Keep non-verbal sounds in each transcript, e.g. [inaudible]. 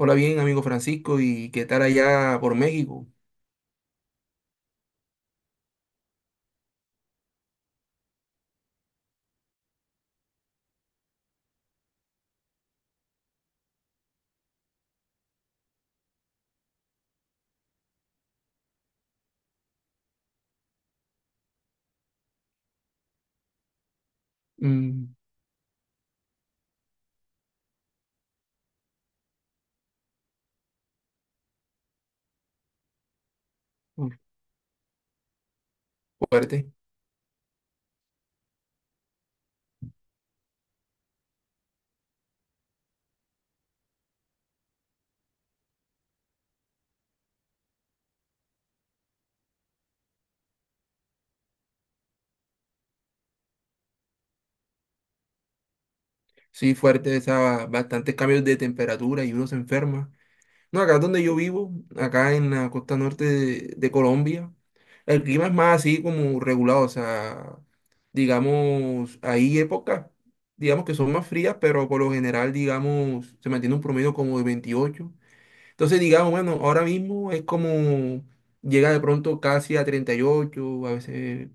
Hola, bien, amigo Francisco, ¿y qué tal allá por México? Mm, uf, fuerte, sí, fuerte, esa, bastantes cambios de temperatura y uno se enferma. No, acá donde yo vivo, acá en la costa norte de Colombia, el clima es más así como regulado, o sea, digamos, hay épocas, digamos que son más frías, pero por lo general, digamos, se mantiene un promedio como de 28. Entonces, digamos, bueno, ahora mismo es como llega de pronto casi a 38, a veces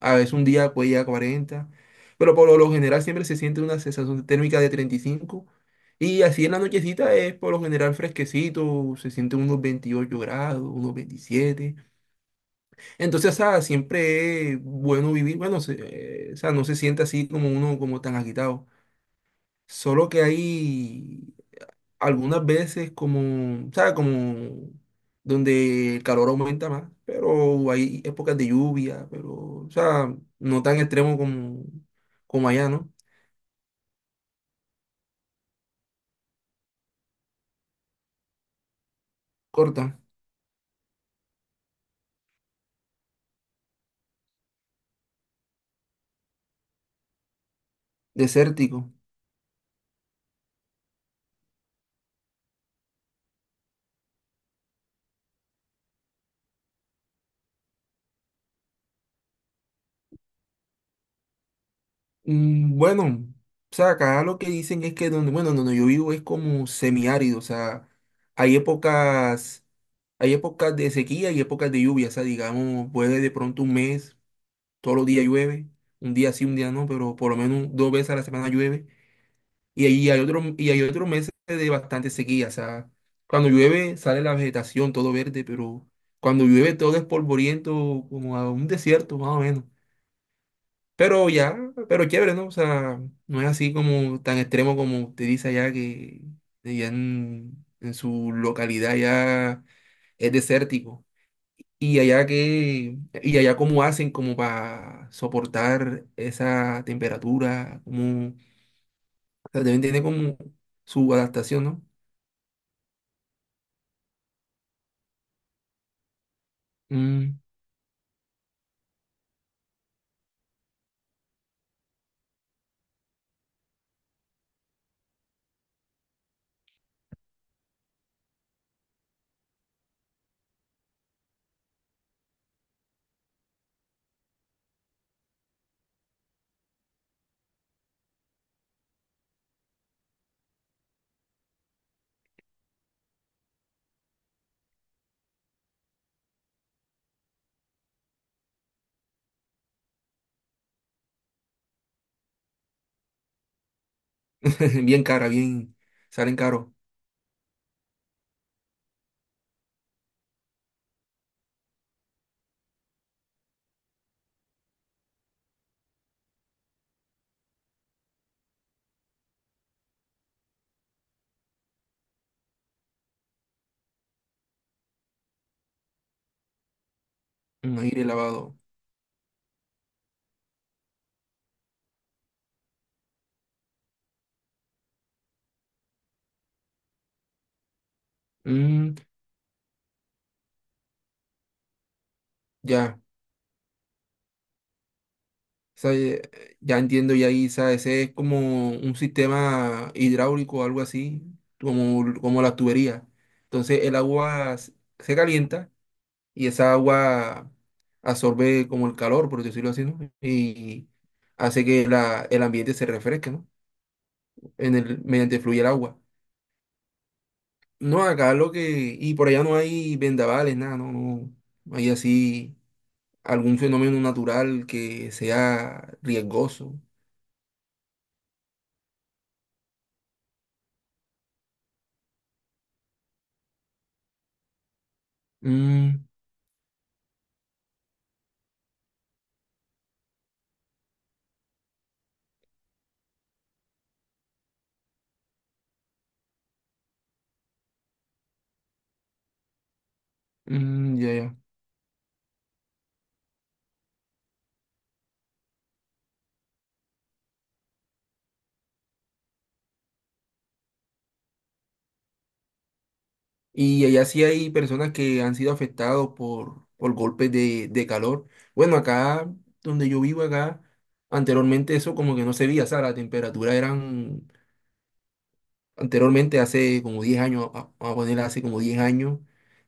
A veces un día puede llegar a 40, pero por lo general siempre se siente una sensación térmica de 35, y así en la nochecita es por lo general fresquecito, se siente unos 28 grados, unos 27. Entonces, o sea, siempre es bueno vivir, bueno, o sea, no se siente así como uno como tan agitado. Solo que hay algunas veces como, ¿sabes? Como donde el calor aumenta más, pero hay épocas de lluvia, pero, o sea, no tan extremo como allá, ¿no? Corta, desértico. Mm, bueno, o sea, acá lo que dicen es que donde, bueno, donde yo vivo es como semiárido, o sea, hay épocas, hay épocas de sequía y épocas de lluvia, o sea, digamos, puede de pronto un mes, todos los días llueve, un día sí, un día no, pero por lo menos dos veces a la semana llueve. Y hay otros meses de bastante sequía. O sea, cuando llueve sale la vegetación todo verde, pero cuando llueve todo es polvoriento, como a un desierto, más o menos. Pero ya, pero chévere, ¿no? O sea, no es así como tan extremo como usted dice allá, que allá en su localidad ya es desértico. Y allá que, y allá, ¿cómo hacen como para soportar esa temperatura? Como, o sea, deben tener como su adaptación, ¿no? Mm, [laughs] bien cara, bien, salen caro, un aire lavado. Mm, ya, o sea, ya entiendo, ya ahí, o sea, ese es como un sistema hidráulico o algo así, como la tubería. Entonces el agua se calienta y esa agua absorbe como el calor, por decirlo así, ¿no? Y hace que el ambiente se refresque, ¿no? Mediante fluye el agua. No, acá lo que, y por allá no hay vendavales, nada, no, no, no hay así algún fenómeno natural que sea riesgoso. Mm, mm, ya, ya. Y allá sí hay personas que han sido afectados por golpes de calor. Bueno, acá donde yo vivo, acá, anteriormente eso como que no se veía, o sea, la temperatura eran, anteriormente hace como 10 años, vamos a poner hace como 10 años,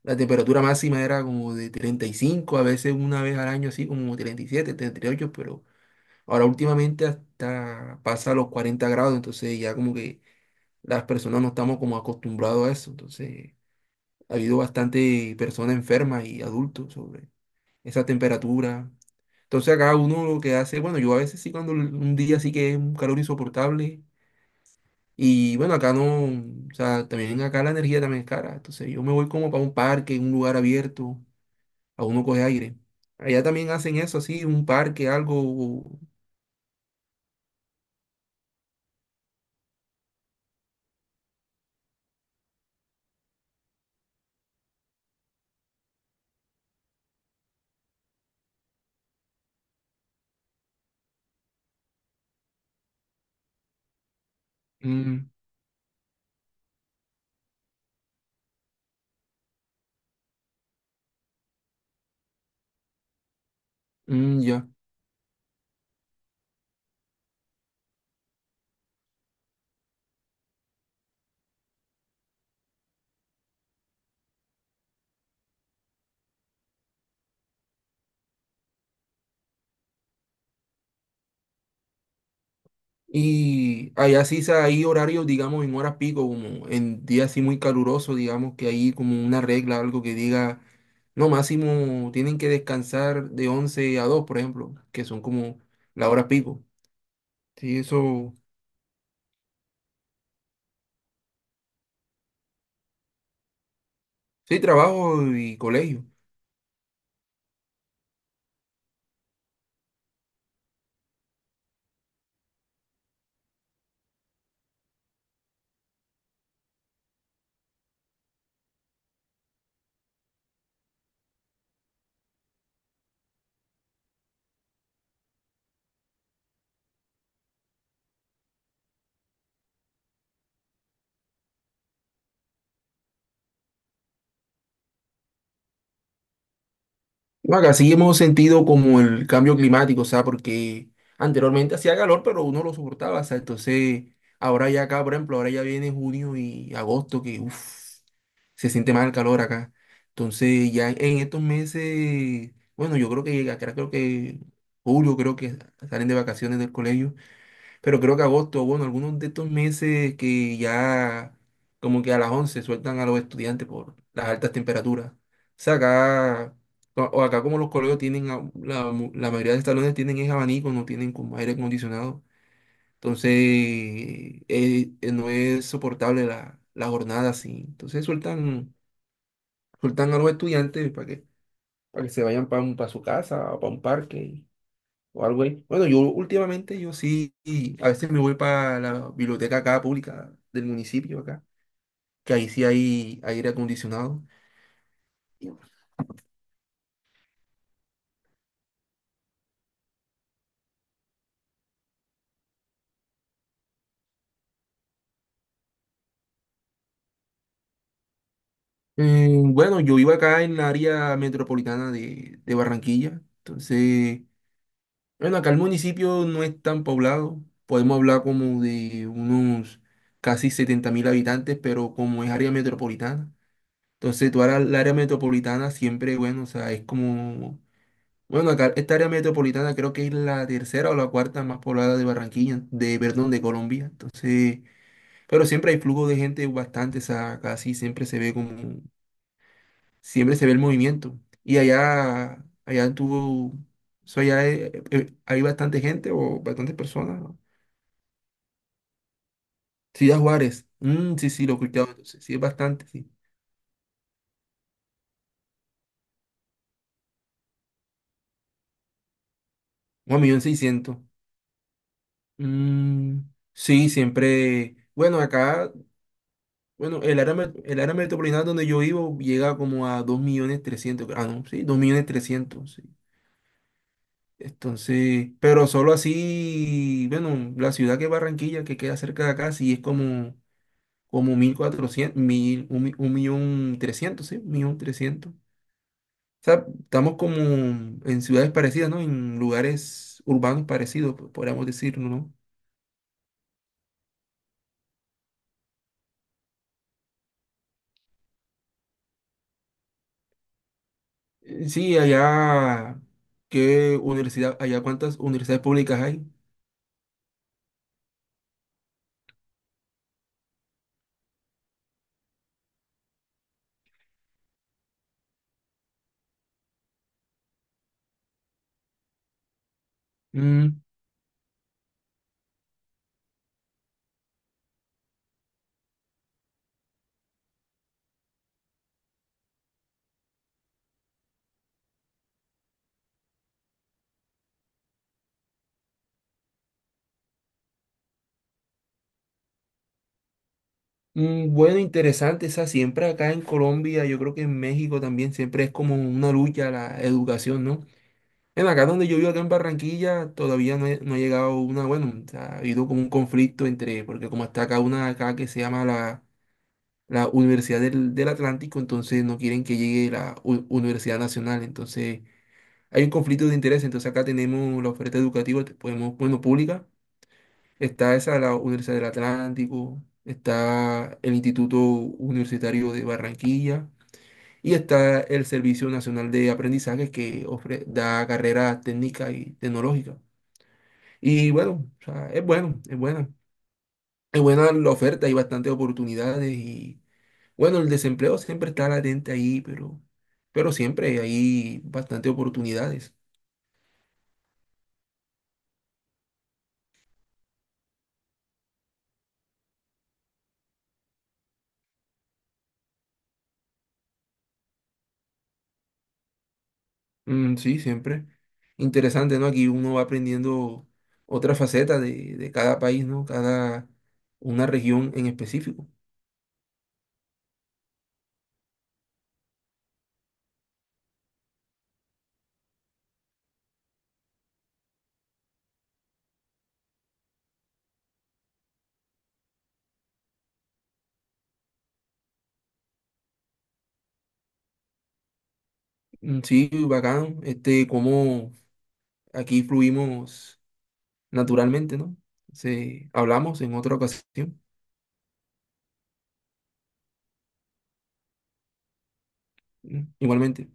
la temperatura máxima era como de 35, a veces una vez al año así como treinta y siete 38, pero ahora últimamente hasta pasa los 40 grados. Entonces ya como que las personas no estamos como acostumbrados a eso. Entonces ha habido bastante personas enfermas y adultos sobre esa temperatura. Entonces acá uno lo que hace, bueno, yo a veces sí, cuando un día sí que es un calor insoportable. Y bueno, acá no, o sea, también acá la energía también es cara. Entonces yo me voy como para un parque, un lugar abierto, a uno coge aire. Allá también hacen eso, así, un parque, algo. o- Mm, mm, ya. Y allá sí hay horarios, digamos, en horas pico, como en días así muy calurosos, digamos que hay como una regla, algo que diga, no, máximo tienen que descansar de 11 a 2, por ejemplo, que son como la hora pico. Sí, eso, sí, trabajo y colegio. No, acá sí hemos sentido como el cambio climático, o sea, porque anteriormente hacía calor, pero uno lo soportaba. O sea, entonces ahora ya acá, por ejemplo, ahora ya viene junio y agosto, que uff. Se siente más el calor acá. Entonces, ya en estos meses, bueno, yo creo que llega, creo que julio, creo que salen de vacaciones del colegio, pero creo que agosto, bueno, algunos de estos meses que ya como que a las 11 sueltan a los estudiantes por las altas temperaturas. O sea, acá, o acá como los colegios tienen, la mayoría de los salones tienen es abanico, no tienen como aire acondicionado. Entonces, no es soportable la jornada así. Entonces sueltan Soltan a los estudiantes para que, se vayan para su casa o para un parque o algo ahí. Bueno, yo últimamente yo sí, a veces me voy para la biblioteca acá pública del municipio acá, que ahí sí hay aire acondicionado. Bueno, yo vivo acá en la área metropolitana de Barranquilla. Entonces, bueno, acá el municipio no es tan poblado, podemos hablar como de unos casi 70.000 habitantes, pero como es área metropolitana. Entonces, tú ahora la área metropolitana siempre, bueno, o sea, es como, bueno, acá esta área metropolitana creo que es la tercera o la cuarta más poblada de Barranquilla, de, perdón, de Colombia. Entonces, pero siempre hay flujo de gente bastante, o sea, casi siempre se ve como, siempre se ve el movimiento. Y allá, allá tuvo, o sea, allá hay, hay bastante gente o bastantes personas, ¿no? Sí, a Juárez. Mm, sí, sí, lo he escuchado. Entonces, sí, es bastante, sí. 1.600.000. Mm, sí, siempre. Bueno, acá, bueno, el área metropolitana donde yo vivo llega como a 2.300.000. Ah, no, sí, 2.300.000, sí. Entonces, pero solo así, bueno, la ciudad que es Barranquilla, que queda cerca de acá, sí es como, 1.400 1.000 un millón trescientos, sí, 1.300.000. O sea, estamos como en ciudades parecidas, ¿no? En lugares urbanos parecidos, podríamos decirlo, ¿no? Sí, allá, ¿Allá cuántas universidades públicas hay? Mm, mm, bueno, interesante. Esa siempre acá en Colombia, yo creo que en México también siempre es como una lucha la educación, ¿no? En acá donde yo vivo, acá en Barranquilla, todavía no, no ha llegado una, bueno, o sea, ha habido como un conflicto entre, porque como está acá una acá que se llama la Universidad del Atlántico, entonces no quieren que llegue la Universidad Nacional, entonces... hay un conflicto de interés. Entonces acá tenemos la oferta educativa, podemos, bueno, pública, está esa, la Universidad del Atlántico, está el Instituto Universitario de Barranquilla y está el Servicio Nacional de Aprendizaje, que da carreras técnicas y tecnológicas. Y bueno, o sea, es bueno, es buena. Es buena la oferta, hay bastantes oportunidades y bueno, el desempleo siempre está latente ahí, pero, siempre hay bastantes oportunidades. Mm, sí, siempre. Interesante, ¿no? Aquí uno va aprendiendo otra faceta de cada país, ¿no? Cada una región en específico. Mm, sí, bacán. Este, cómo aquí fluimos naturalmente, ¿no? Hablamos en otra ocasión. Mm, igualmente.